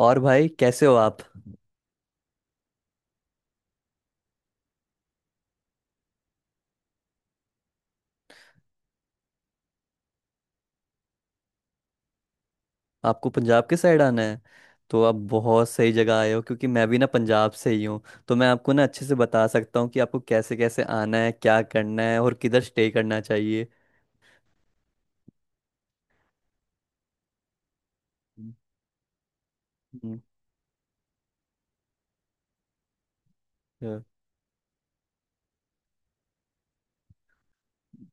और भाई, कैसे हो आप? आपको पंजाब के साइड आना है? तो आप बहुत सही जगह आए हो, क्योंकि मैं भी ना पंजाब से ही हूँ। तो मैं आपको ना अच्छे से बता सकता हूँ कि आपको कैसे कैसे आना है, क्या करना है, और किधर स्टे करना चाहिए। हम्म। हम्म।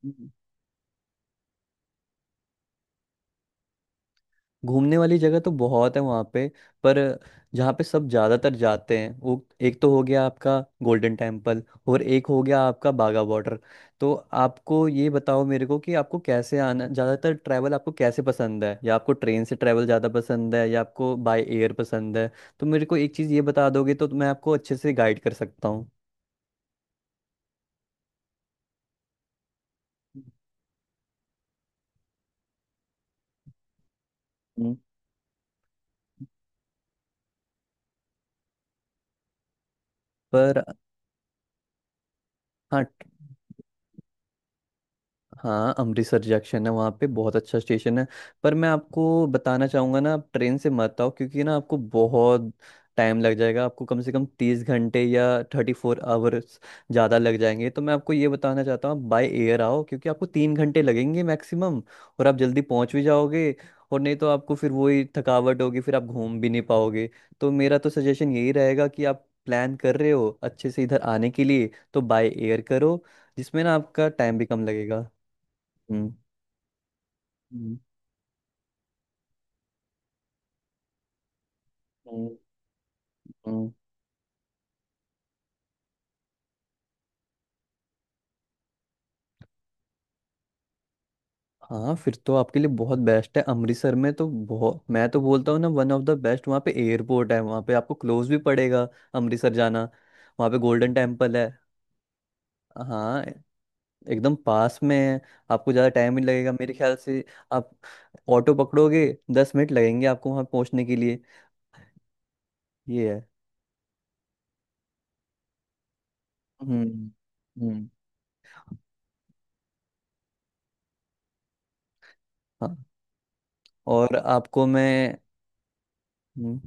yeah। घूमने वाली जगह तो बहुत है वहाँ पे। पर जहाँ पे सब ज़्यादातर जाते हैं, वो एक तो हो गया आपका गोल्डन टेम्पल, और एक हो गया आपका बागा बॉर्डर। तो आपको ये बताओ मेरे को कि आपको कैसे आना, ज़्यादातर ट्रैवल आपको कैसे पसंद है, या आपको ट्रेन से ट्रैवल ज़्यादा पसंद है, या आपको बाय एयर पसंद है? तो मेरे को एक चीज़ ये बता दोगे तो मैं आपको अच्छे से गाइड कर सकता हूँ। हम्म। पर। हाँ। हाँ, अमृतसर जंक्शन है वहाँ पे, बहुत अच्छा स्टेशन है। पर मैं आपको बताना चाहूँगा ना, आप ट्रेन से मत आओ, क्योंकि ना आपको बहुत टाइम लग जाएगा, आपको कम से कम 30 घंटे या 34 आवर्स ज़्यादा लग जाएंगे। तो मैं आपको ये बताना चाहता हूँ, आप बाय एयर आओ, क्योंकि आपको 3 घंटे लगेंगे मैक्सिमम, और आप जल्दी पहुँच भी जाओगे। और नहीं तो आपको फिर वही थकावट होगी, फिर आप घूम भी नहीं पाओगे। तो मेरा तो सजेशन यही रहेगा कि आप प्लान कर रहे हो अच्छे से इधर आने के लिए, तो बाय एयर करो, जिसमें ना आपका टाइम भी कम लगेगा। हम्म। हम्म। हम्म। हम्म। हाँ, फिर तो आपके लिए बहुत बेस्ट है। अमृतसर में तो बहुत, मैं तो बोलता हूँ ना, वन ऑफ द बेस्ट वहाँ पे एयरपोर्ट है। वहाँ पे आपको क्लोज भी पड़ेगा, अमृतसर जाना। वहाँ पे गोल्डन टेम्पल है। हाँ। एकदम पास में है। आपको ज़्यादा टाइम नहीं लगेगा मेरे ख्याल से। आप ऑटो पकड़ोगे, 10 मिनट लगेंगे आपको वहाँ पहुँचने के लिए। ये है। हम्म। हम्म। हाँ। और आपको मैं। हम्म।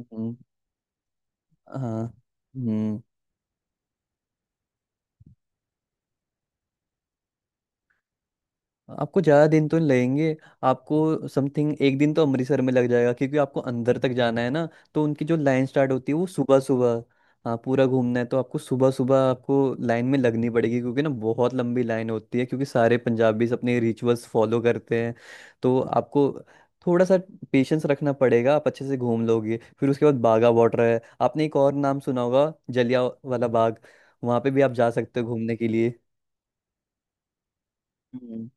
हम्म। हाँ। हम्म। आपको ज़्यादा दिन तो नहीं लगेंगे। आपको समथिंग एक दिन तो अमृतसर में लग जाएगा, क्योंकि आपको अंदर तक जाना है ना। तो उनकी जो लाइन स्टार्ट होती है वो सुबह सुबह। हाँ, पूरा घूमना है तो आपको सुबह सुबह आपको लाइन में लगनी पड़ेगी, क्योंकि ना बहुत लंबी लाइन होती है, क्योंकि सारे पंजाबीज अपने रिचुअल्स फॉलो करते हैं। तो आपको थोड़ा सा पेशेंस रखना पड़ेगा, आप अच्छे से घूम लोगे। फिर उसके बाद बागा बॉर्डर है। आपने एक और नाम सुना होगा, जलिया वाला बाग। वहाँ पे भी आप जा सकते हो घूमने के लिए। हम्म।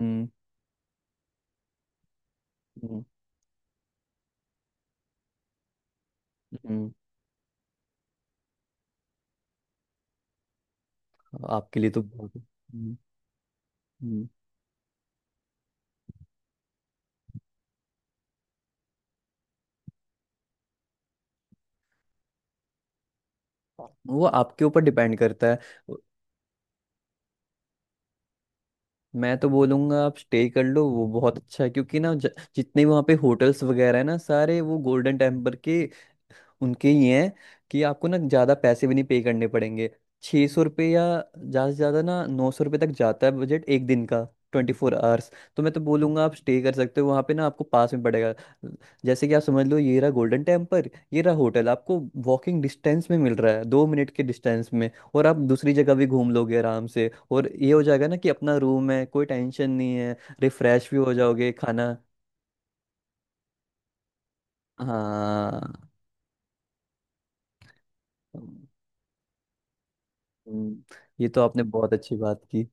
हम्म। हम्म। हम्म। आपके लिए तो बहुत- हम्म। हम्म। वो आपके ऊपर डिपेंड करता है। वो- मैं तो बोलूंगा आप स्टे कर लो, वो बहुत अच्छा है, क्योंकि ना जितने वहाँ पे होटल्स वगैरह है ना, सारे वो गोल्डन टेम्पल के, उनके ये हैं कि आपको ना ज़्यादा पैसे भी नहीं पे करने पड़ेंगे। 600 रुपये या ज़्यादा से ज़्यादा ना 900 रुपये तक जाता है बजट एक दिन का, 24 आवर्स। तो मैं तो बोलूँगा आप स्टे कर सकते हो वहाँ पे ना, आपको पास में पड़ेगा। जैसे कि आप समझ लो, ये रहा गोल्डन टेम्पल, ये रहा होटल, आपको वॉकिंग डिस्टेंस में मिल रहा है, 2 मिनट के डिस्टेंस में, और आप दूसरी जगह भी घूम लोगे आराम से, और ये हो जाएगा ना कि अपना रूम है, कोई टेंशन नहीं है। रिफ्रेश भी हो जाओगे। खाना। हाँ। हम्म। ये तो आपने बहुत अच्छी बात की।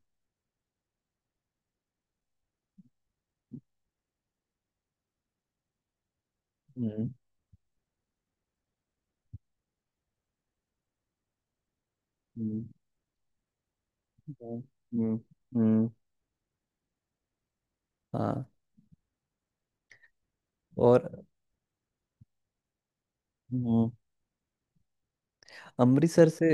हम्म। हम्म। हम्म। हम्म। हम्म। हाँ। और। हम्म। अमृतसर से।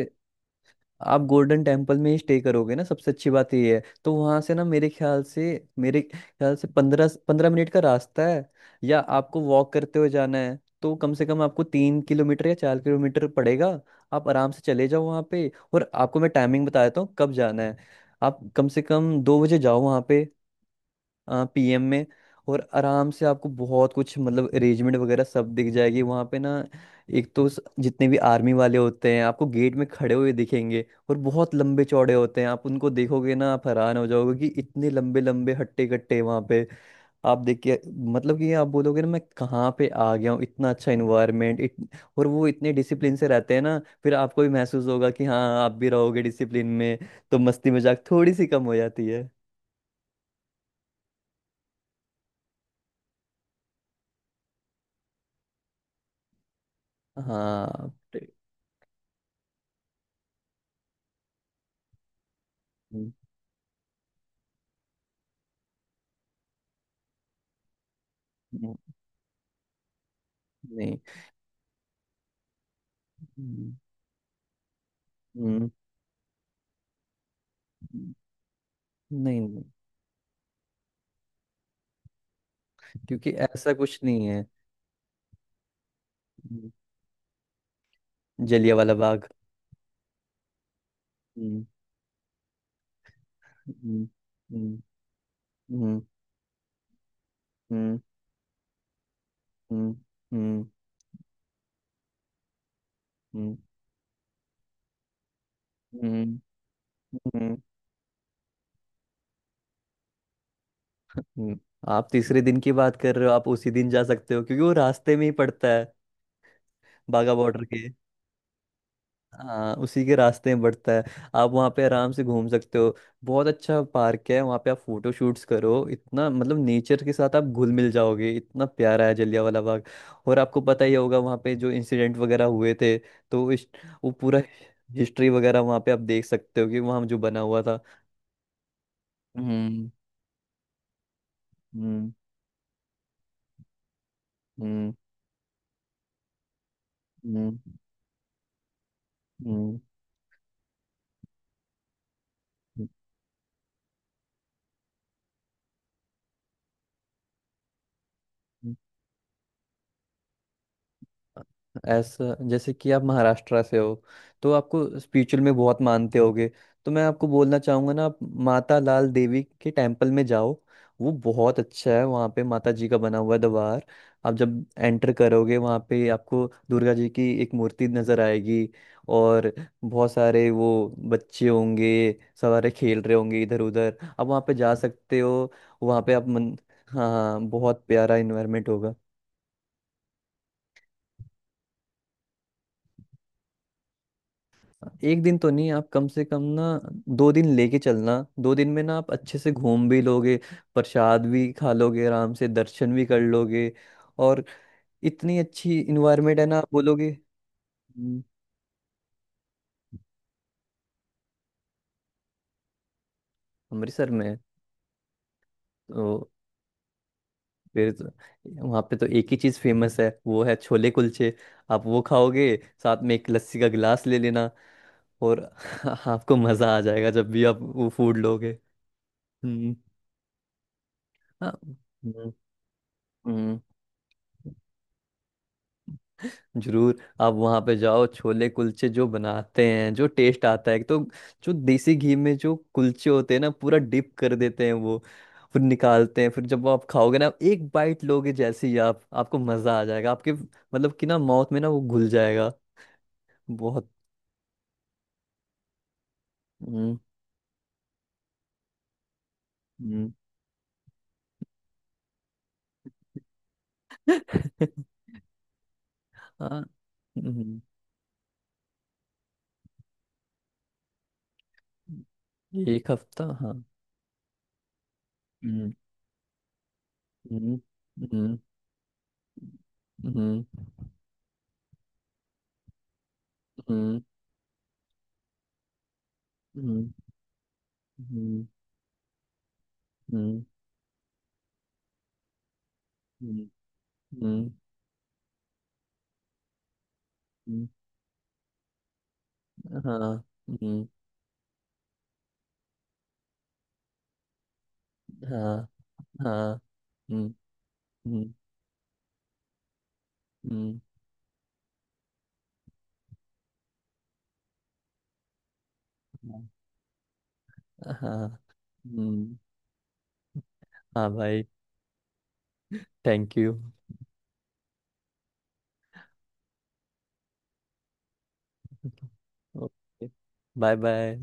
आप गोल्डन टेम्पल में ही स्टे करोगे ना, सबसे अच्छी बात ये है, तो वहाँ से ना मेरे ख्याल से पंद्रह पंद्रह मिनट का रास्ता है। या आपको वॉक करते हुए जाना है तो कम से कम आपको 3 किलोमीटर या 4 किलोमीटर पड़ेगा। आप आराम से चले जाओ वहाँ पे। और आपको मैं टाइमिंग बता देता हूँ कब जाना है। आप कम से कम 2 बजे जाओ वहाँ पे, पीएम में। और आराम से आपको बहुत कुछ, मतलब अरेंजमेंट वगैरह, सब दिख जाएगी वहाँ पे ना। एक तो जितने भी आर्मी वाले होते हैं आपको गेट में खड़े हुए दिखेंगे, और बहुत लंबे चौड़े होते हैं। आप उनको देखोगे ना आप हैरान हो जाओगे कि इतने लंबे लंबे हट्टे कट्टे वहाँ पे। आप देख के, मतलब कि आप बोलोगे ना मैं कहाँ पे आ गया हूँ, इतना अच्छा इन्वायरमेंट, और वो इतने डिसिप्लिन से रहते हैं ना, फिर आपको भी महसूस होगा कि हाँ आप भी रहोगे डिसिप्लिन में। तो मस्ती मजाक थोड़ी सी कम हो जाती है। हाँ। हम्म। नहीं। हम्म। हम्म। नहीं नहीं, क्योंकि ऐसा कुछ नहीं है। हम्म। जलिया वाला बाग। हम्म। हम्म। हम्म। हम्म। हम्म। हम्म। हम्म। हम्म। हम्म। हम्म। हम्म। आप तीसरे दिन की बात कर रहे हो, आप उसी दिन जा सकते हो क्योंकि वो रास्ते में ही पड़ता है, बाघा बॉर्डर के। हाँ, उसी के रास्ते में बढ़ता है। आप वहाँ पे आराम से घूम सकते हो। बहुत अच्छा पार्क है वहाँ पे, आप फोटो शूट्स करो, इतना मतलब नेचर के साथ आप घुल मिल जाओगे, इतना प्यारा है जलियांवाला बाग। और आपको पता ही होगा वहाँ पे जो इंसिडेंट वगैरह हुए थे। तो इस, वो पूरा हिस्ट्री वगैरह वहाँ पे आप देख सकते हो, कि वहाँ जो बना हुआ था। हम्म। हम्म। हम्म। हम्म। हम्म। हम्म। ऐसा, जैसे कि आप महाराष्ट्र से हो, तो आपको स्पिरिचुअल में बहुत मानते होगे। तो मैं आपको बोलना चाहूंगा ना, आप माता लाल देवी के टेम्पल में जाओ। वो बहुत अच्छा है। वहाँ पे माता जी का बना हुआ द्वार। आप जब एंटर करोगे वहाँ पे आपको दुर्गा जी की एक मूर्ति नजर आएगी। और बहुत सारे वो बच्चे होंगे, सारे खेल रहे होंगे इधर उधर, आप वहाँ पे जा सकते हो। वहाँ पे आप मन। हाँ हाँ, बहुत प्यारा इन्वायरमेंट होगा। एक दिन तो नहीं, आप कम से कम ना 2 दिन लेके चलना। 2 दिन में ना आप अच्छे से घूम भी लोगे, प्रसाद भी खा लोगे, आराम से दर्शन भी कर लोगे। और इतनी अच्छी इन्वायरमेंट है ना, आप बोलोगे। हम्म। अमृतसर में है। तो फिर तो, वहाँ पे तो एक ही चीज़ फेमस है, वो है छोले कुलचे। आप वो खाओगे, साथ में एक लस्सी का गिलास ले लेना। और आपको मज़ा आ जाएगा जब भी आप वो फूड लोगे। हम्म। हाँ। हम्म। हम्म। जरूर, आप वहां पे जाओ। छोले कुलचे जो बनाते हैं, जो टेस्ट आता है, एक तो जो देसी घी में जो कुलचे होते हैं ना, पूरा डिप कर देते हैं वो, फिर निकालते हैं, फिर जब आप खाओगे ना एक बाइट लोगे, जैसे ही आप, आपको मजा आ जाएगा, आपके मतलब कि ना माउथ में ना वो घुल जाएगा। बहुत। हम्म। हम्म। हाँ। हम्म। एक हफ्ता, हाँ। हम्म। हम्म। हम्म। हम्म। हम्म। हम्म। हम्म। हम्म। हम्म। हम्म। हम्म। हाँ। हम्म। हाँ हाँ। हम्म। हम्म। हम्म। हाँ। हाँ हम्म, हाँ भाई। Thank you. Okay. Bye bye.